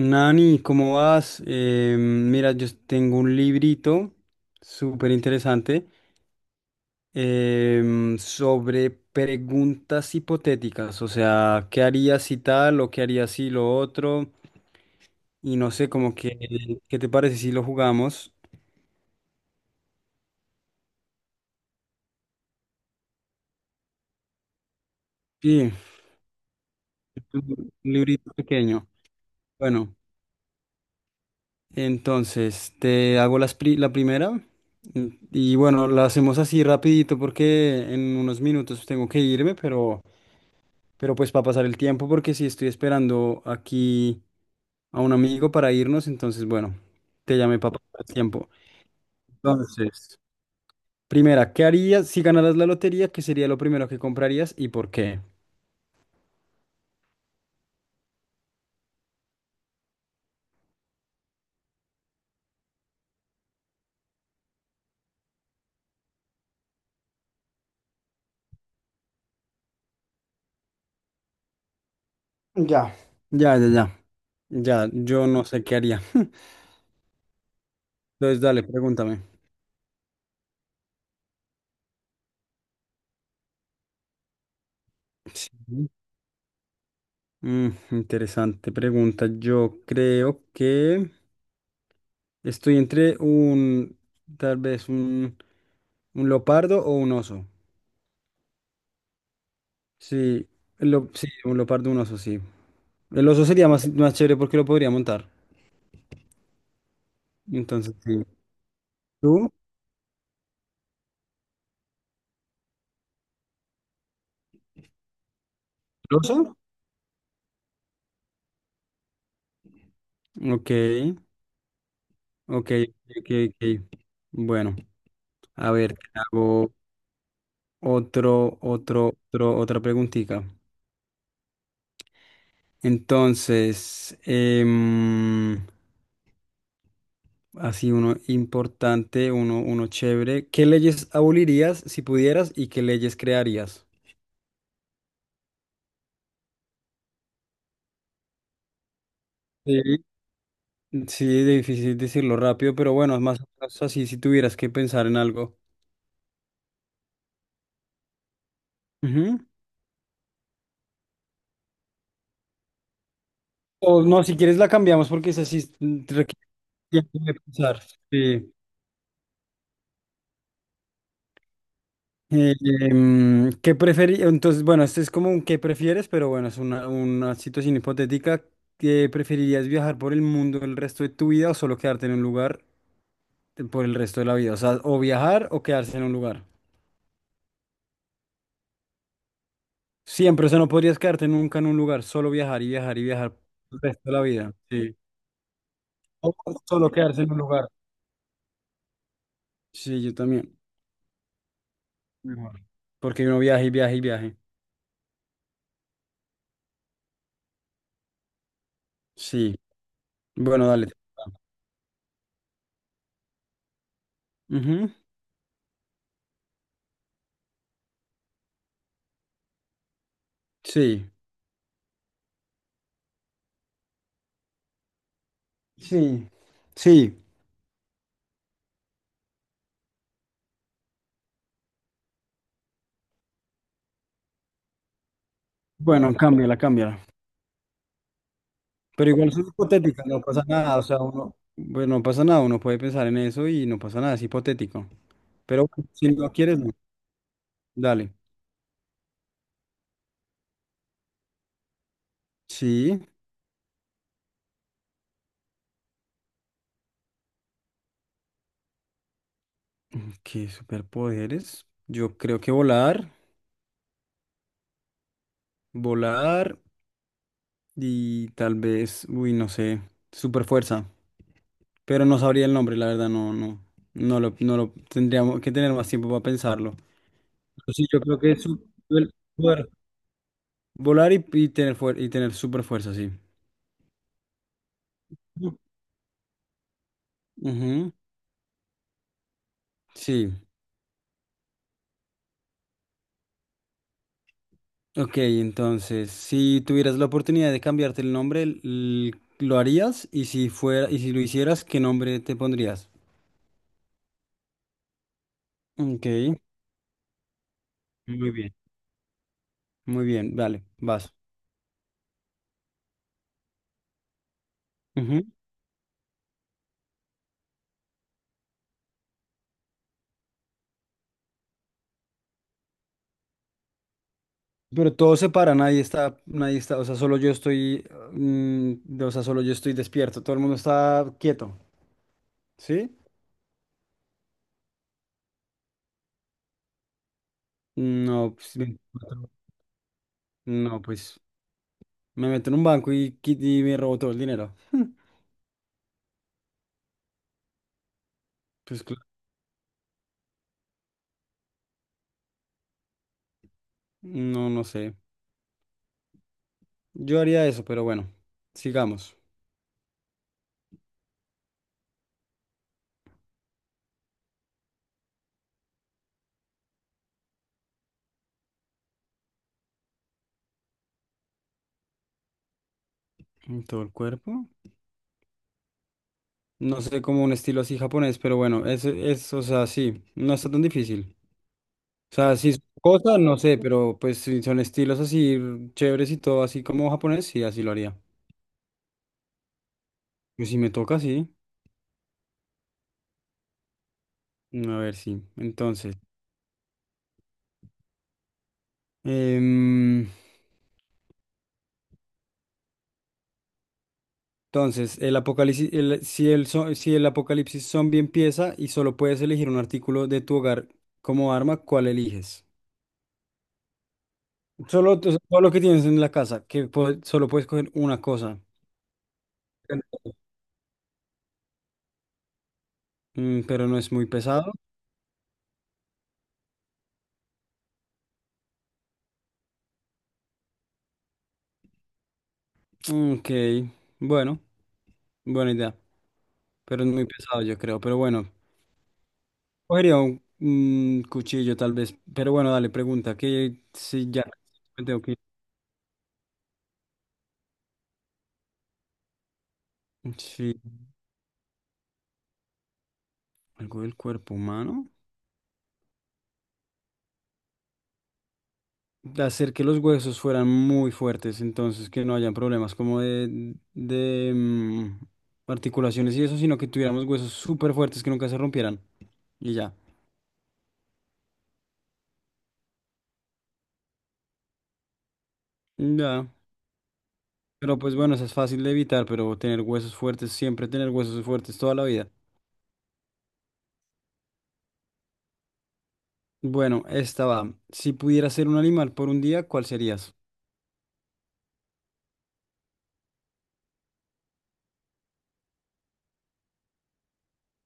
Nani, ¿cómo vas? Mira, yo tengo un librito súper interesante sobre preguntas hipotéticas, o sea, ¿qué harías si tal o qué harías si lo otro? Y no sé, como que, ¿qué te parece si lo jugamos? Sí, es un librito pequeño. Bueno, entonces te hago la primera y bueno, la hacemos así rapidito porque en unos minutos tengo que irme, pero... Pero pues para pasar el tiempo, porque si estoy esperando aquí a un amigo para irnos, entonces bueno, te llamé para pasar el tiempo. Entonces, primera, ¿qué harías si ganaras la lotería? ¿Qué sería lo primero que comprarías y por qué? Ya. Ya, ya, ya. Ya, yo no sé qué haría. Entonces, dale, pregúntame. Sí. Mm, interesante pregunta. Yo creo que estoy entre un, tal vez un leopardo o un oso. Sí, sí, un leopardo, un oso, sí. El oso sería más, más chévere porque lo podría montar. Entonces, sí. ¿Tú? ¿El oso? Ok, ok, ok, ok. Bueno, a ver, te hago otra preguntita. Entonces, así uno importante, uno chévere. ¿Qué leyes abolirías si pudieras y qué leyes crearías? Sí. Sí, difícil decirlo rápido, pero bueno, es más o menos así si tuvieras que pensar en algo. Ujú. O no, si quieres la cambiamos porque es así, requiere tiempo de pensar. Sí. Entonces, bueno, este es como un qué prefieres, pero bueno, es una situación hipotética. ¿Qué preferirías viajar por el mundo el resto de tu vida o solo quedarte en un lugar por el resto de la vida? O sea, o viajar o quedarse en un lugar. Siempre, o sea, no podrías quedarte nunca en un lugar, solo viajar y viajar y viajar el resto de la vida. Sí. O solo quedarse en un lugar. Sí, yo también. Mejor. Porque uno viaje, y viaja y viaje. Sí. Bueno, dale. Ujú. Sí. Sí. Sí. Bueno, cámbiala, cámbiala. Pero igual es hipotética, no pasa nada. O sea, uno, bueno, no pasa nada. Uno puede pensar en eso y no pasa nada. Es hipotético. Pero bueno, si no quieres, no. Dale. Sí. ¿Qué superpoderes? Yo creo que volar. Volar y tal vez, uy, no sé. Super fuerza. Pero no sabría el nombre, la verdad, no, no, no lo tendríamos que tener más tiempo para pensarlo. Pero sí, yo creo que el poder volar y, y tener super fuerza, sí. Ujú. Sí. Ok, entonces, si tuvieras la oportunidad de cambiarte el nombre, ¿lo harías? Y si fuera, y si lo hicieras, ¿qué nombre te pondrías? Ok, muy bien. Muy bien, vale, vas. Ujú. Pero todo se para, nadie está, o sea, solo yo estoy, o sea, solo yo estoy despierto, todo el mundo está quieto, ¿sí? No, pues, 24, no, pues, me meto en un banco y me robo todo el dinero. Pues, cl- no, no sé. Yo haría eso, pero bueno, sigamos. En todo el cuerpo. No sé, como un estilo así japonés, pero bueno, es, o sea, sí, no está tan difícil. O sea, sí, son cosas, no sé, pero pues si son estilos así chéveres y todo así como japonés, sí, así lo haría. Pues si me toca, sí. A ver, sí. Em, entonces, el apocalipsis, el- si el, zo- si el apocalipsis zombie empieza y solo puedes elegir un artículo de tu hogar como arma, ¿cuál eliges? Solo, o sea, todo lo que tienes en la casa, que po- solo puedes coger una cosa. Mm, pero no es muy pesado. Ok, bueno, buena idea, pero es muy pesado, yo creo. Pero bueno, cogería un cuchillo tal vez. Pero bueno, dale, pregunta, que si ya me tengo que ir. Sí. Algo del cuerpo humano. De hacer que los huesos fueran muy fuertes, entonces que no hayan problemas como articulaciones y eso, sino que tuviéramos huesos súper fuertes que nunca se rompieran. Y ya. Ya. Pero pues bueno, eso es fácil de evitar, pero tener huesos fuertes, siempre tener huesos fuertes toda la vida. Bueno, esta va. Si pudieras ser un animal por un día, ¿cuál serías?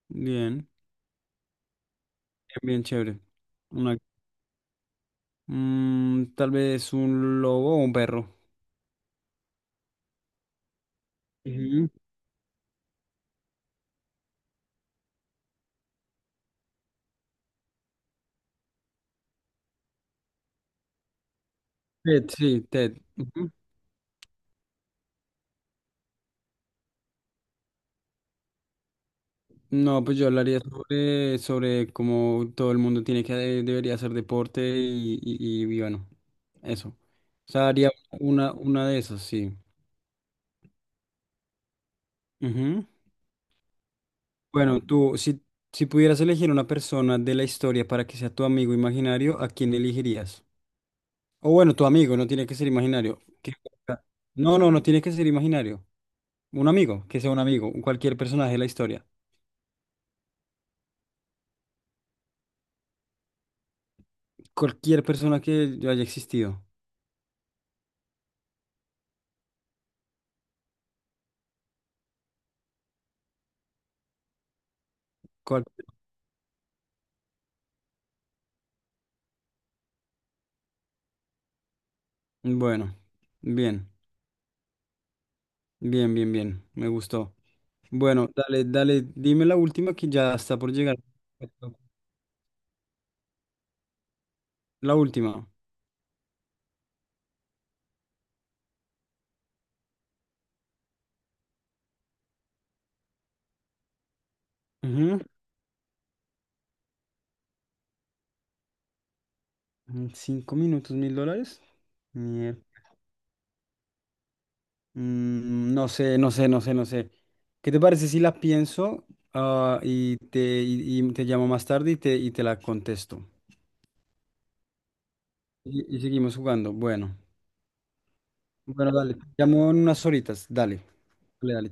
Bien, bien, bien chévere. Una- tal vez un lobo o un perro. Ujú. Ted, sí, Ted. No, pues yo hablaría sobre cómo todo el mundo tiene que debería hacer deporte y bueno, eso. O sea, haría una de esas, sí. Ujú. Bueno, tú, si pudieras elegir una persona de la historia para que sea tu amigo imaginario, ¿a quién elegirías? O bueno, tu amigo, no tiene que ser imaginario. ¿Qué importa? No, no, no tiene que ser imaginario. Un amigo, que sea un amigo, cualquier personaje de la historia. Cualquier persona que haya existido. Cual- Bueno, bien. Bien, bien, bien. Me gustó. Bueno, dale, dale, dime la última que ya está por llegar. La última. Ujú. Mm, 5 minutos, $1,000. Mier- Mm, no sé, no sé, no sé, no sé. ¿Qué te parece si la pienso y te llamo más tarde y te la contesto? Y seguimos jugando. Bueno, bueno, dale. Te llamo en unas horitas. Dale, dale, dale.